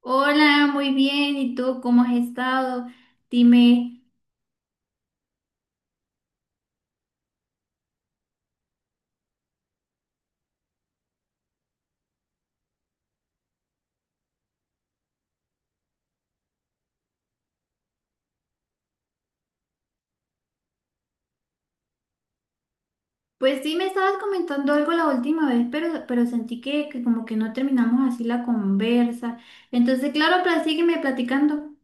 Hola, muy bien. ¿Y tú cómo has estado? Dime, pues sí me estabas comentando algo la última vez, pero sentí que como que no terminamos así la conversa. Entonces, claro, pero sígueme platicando.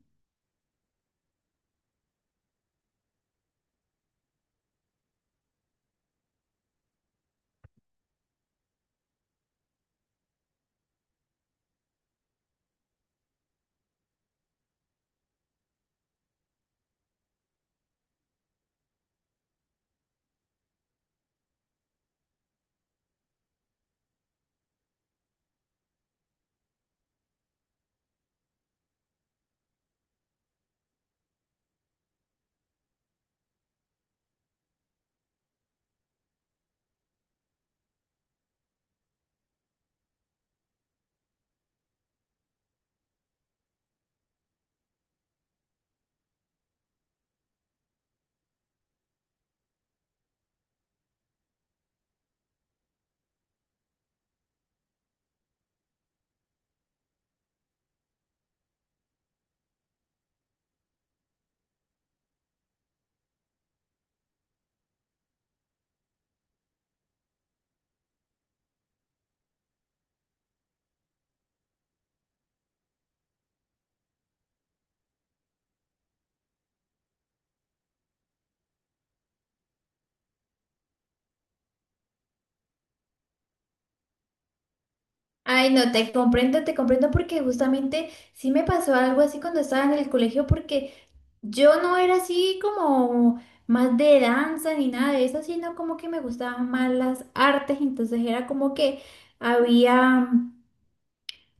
Ay, no, te comprendo porque justamente sí me pasó algo así cuando estaba en el colegio porque yo no era así como más de danza ni nada de eso, sino como que me gustaban más las artes, entonces era como que había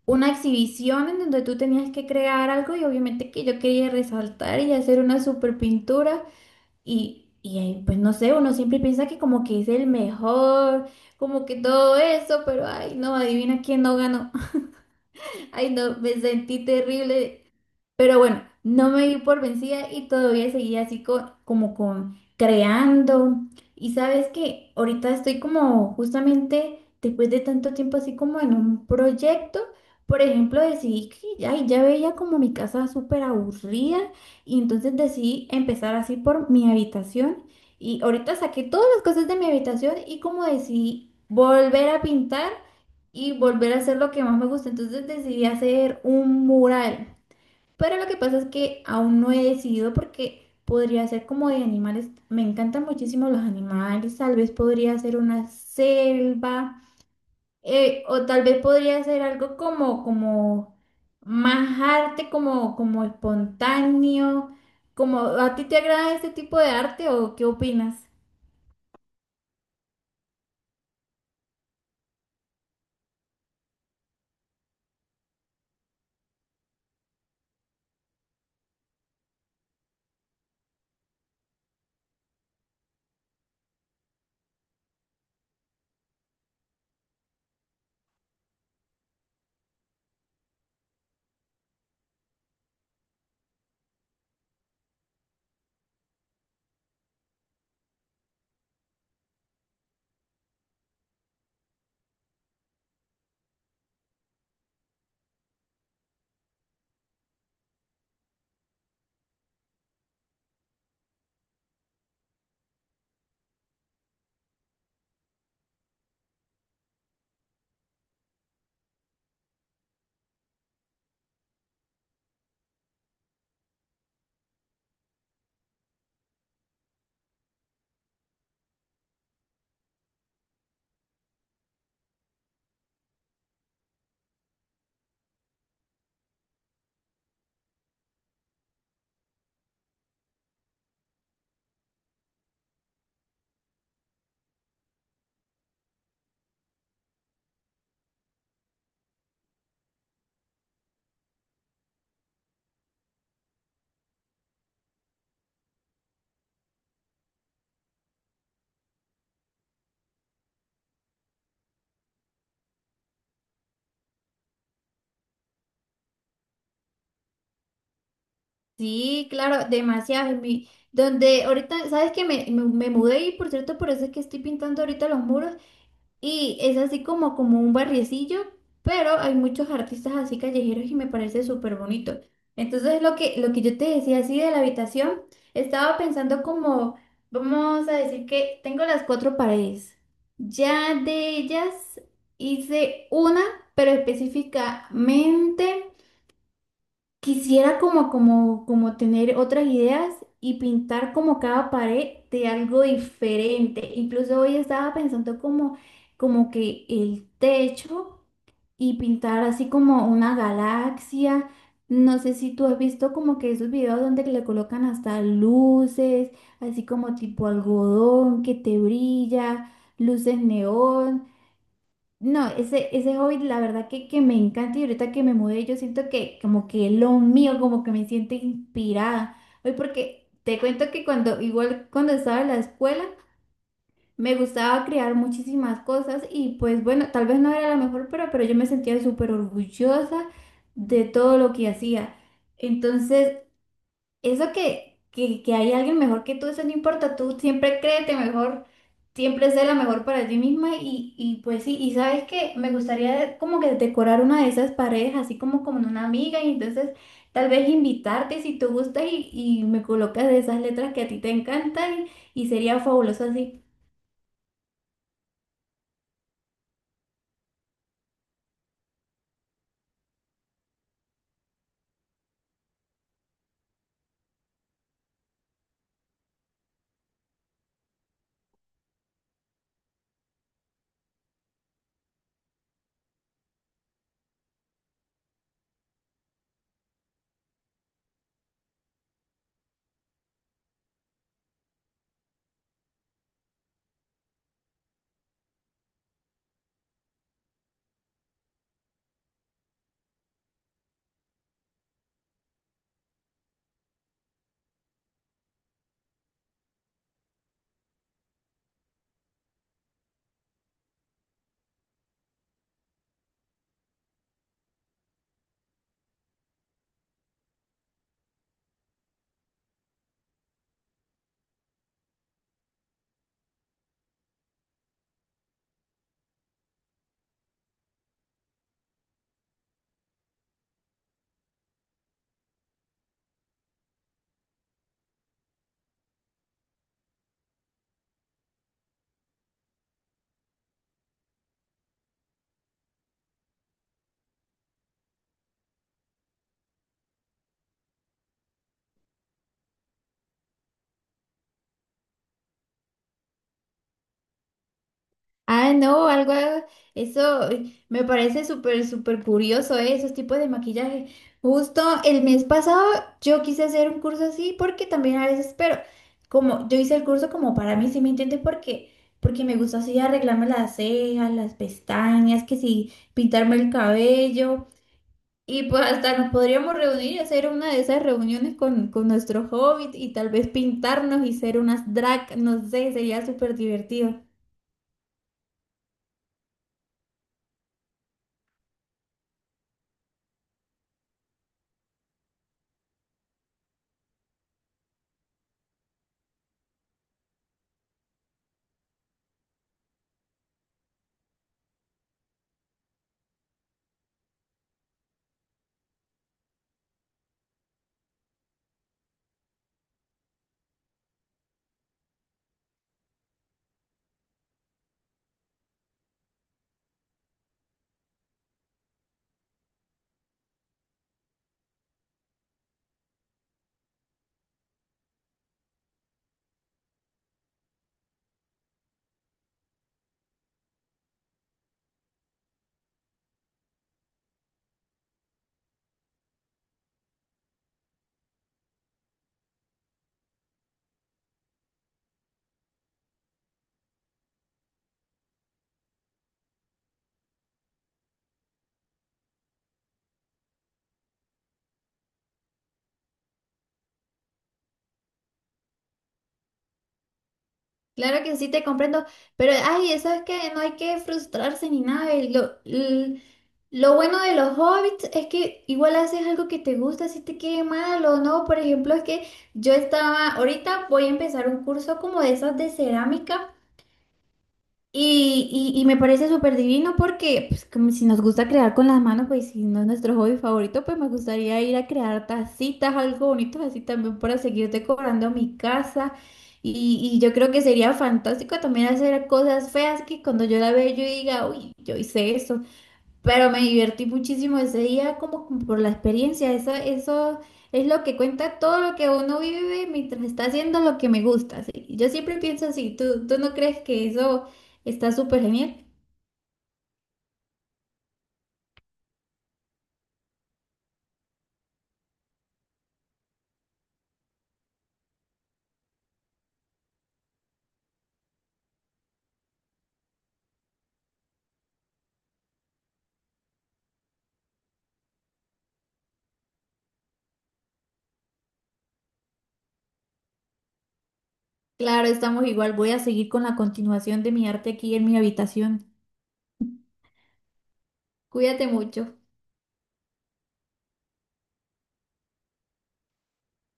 una exhibición en donde tú tenías que crear algo y obviamente que yo quería resaltar y hacer una super pintura y ahí, pues no sé, uno siempre piensa que como que es el mejor, como que todo eso, pero ay no, adivina quién no ganó, ay no, me sentí terrible, pero bueno, no me di por vencida y todavía seguía así como con creando. Y sabes que ahorita estoy como justamente después de tanto tiempo así como en un proyecto. Por ejemplo, decidí que ay, ya veía como mi casa súper aburrida y entonces decidí empezar así por mi habitación. Y ahorita saqué todas las cosas de mi habitación y como decidí volver a pintar y volver a hacer lo que más me gusta. Entonces decidí hacer un mural. Pero lo que pasa es que aún no he decidido porque podría ser como de animales. Me encantan muchísimo los animales. Tal vez podría ser una selva. O tal vez podría ser algo como más arte, como espontáneo. Como, ¿a ti te agrada este tipo de arte o qué opinas? Sí, claro, demasiado. Donde ahorita, ¿sabes que me mudé? Y por cierto, por eso es que estoy pintando ahorita los muros. Y es así como, como un barriecillo, pero hay muchos artistas así callejeros y me parece súper bonito. Entonces lo que yo te decía así de la habitación, estaba pensando como, vamos a decir que tengo las cuatro paredes. Ya de ellas hice una, pero específicamente... Quisiera como tener otras ideas y pintar como cada pared de algo diferente. Incluso hoy estaba pensando como, como que el techo y pintar así como una galaxia. No sé si tú has visto como que esos videos donde le colocan hasta luces, así como tipo algodón que te brilla, luces neón. No, ese hobby la verdad que me encanta, y ahorita que me mudé yo siento que como que es lo mío, como que me siento inspirada. Hoy porque te cuento que cuando, igual cuando estaba en la escuela, me gustaba crear muchísimas cosas y pues bueno, tal vez no era la mejor, pero yo me sentía súper orgullosa de todo lo que hacía. Entonces, eso que hay alguien mejor que tú, eso no importa, tú siempre créete mejor, siempre sé la mejor para ti misma y pues sí, y sabes que me gustaría como que decorar una de esas paredes, así como con una amiga y entonces tal vez invitarte si tú gustas y me colocas de esas letras que a ti te encantan y sería fabuloso así. Ah, no, algo, eso me parece súper, súper curioso, esos tipos de maquillaje. Justo el mes pasado yo quise hacer un curso así porque también a veces, pero como yo hice el curso como para mí, ¿sí me entiendes? Porque me gusta así arreglarme las cejas, las pestañas, que sí, pintarme el cabello. Y pues hasta nos podríamos reunir y hacer una de esas reuniones con nuestro hobbit y tal vez pintarnos y ser unas drag, no sé, sería súper divertido. Claro que sí te comprendo, pero ay, eso es que no hay que frustrarse ni nada. Y lo, lo bueno de los hobbits es que igual haces algo que te gusta, si te quede mal o no. Por ejemplo, es que yo estaba, ahorita voy a empezar un curso como de esas de cerámica. Y, y me parece súper divino porque pues, como si nos gusta crear con las manos, pues si no es nuestro hobby favorito, pues me gustaría ir a crear tacitas, algo bonito así también para seguir decorando mi casa. Y yo creo que sería fantástico también hacer cosas feas que cuando yo la vea yo diga, uy, yo hice eso. Pero me divertí muchísimo ese día como como por la experiencia. Eso es lo que cuenta, todo lo que uno vive mientras está haciendo lo que me gusta. ¿Sí? Yo siempre pienso así, tú no crees que eso está súper genial? Claro, estamos igual. Voy a seguir con la continuación de mi arte aquí en mi habitación. Cuídate mucho.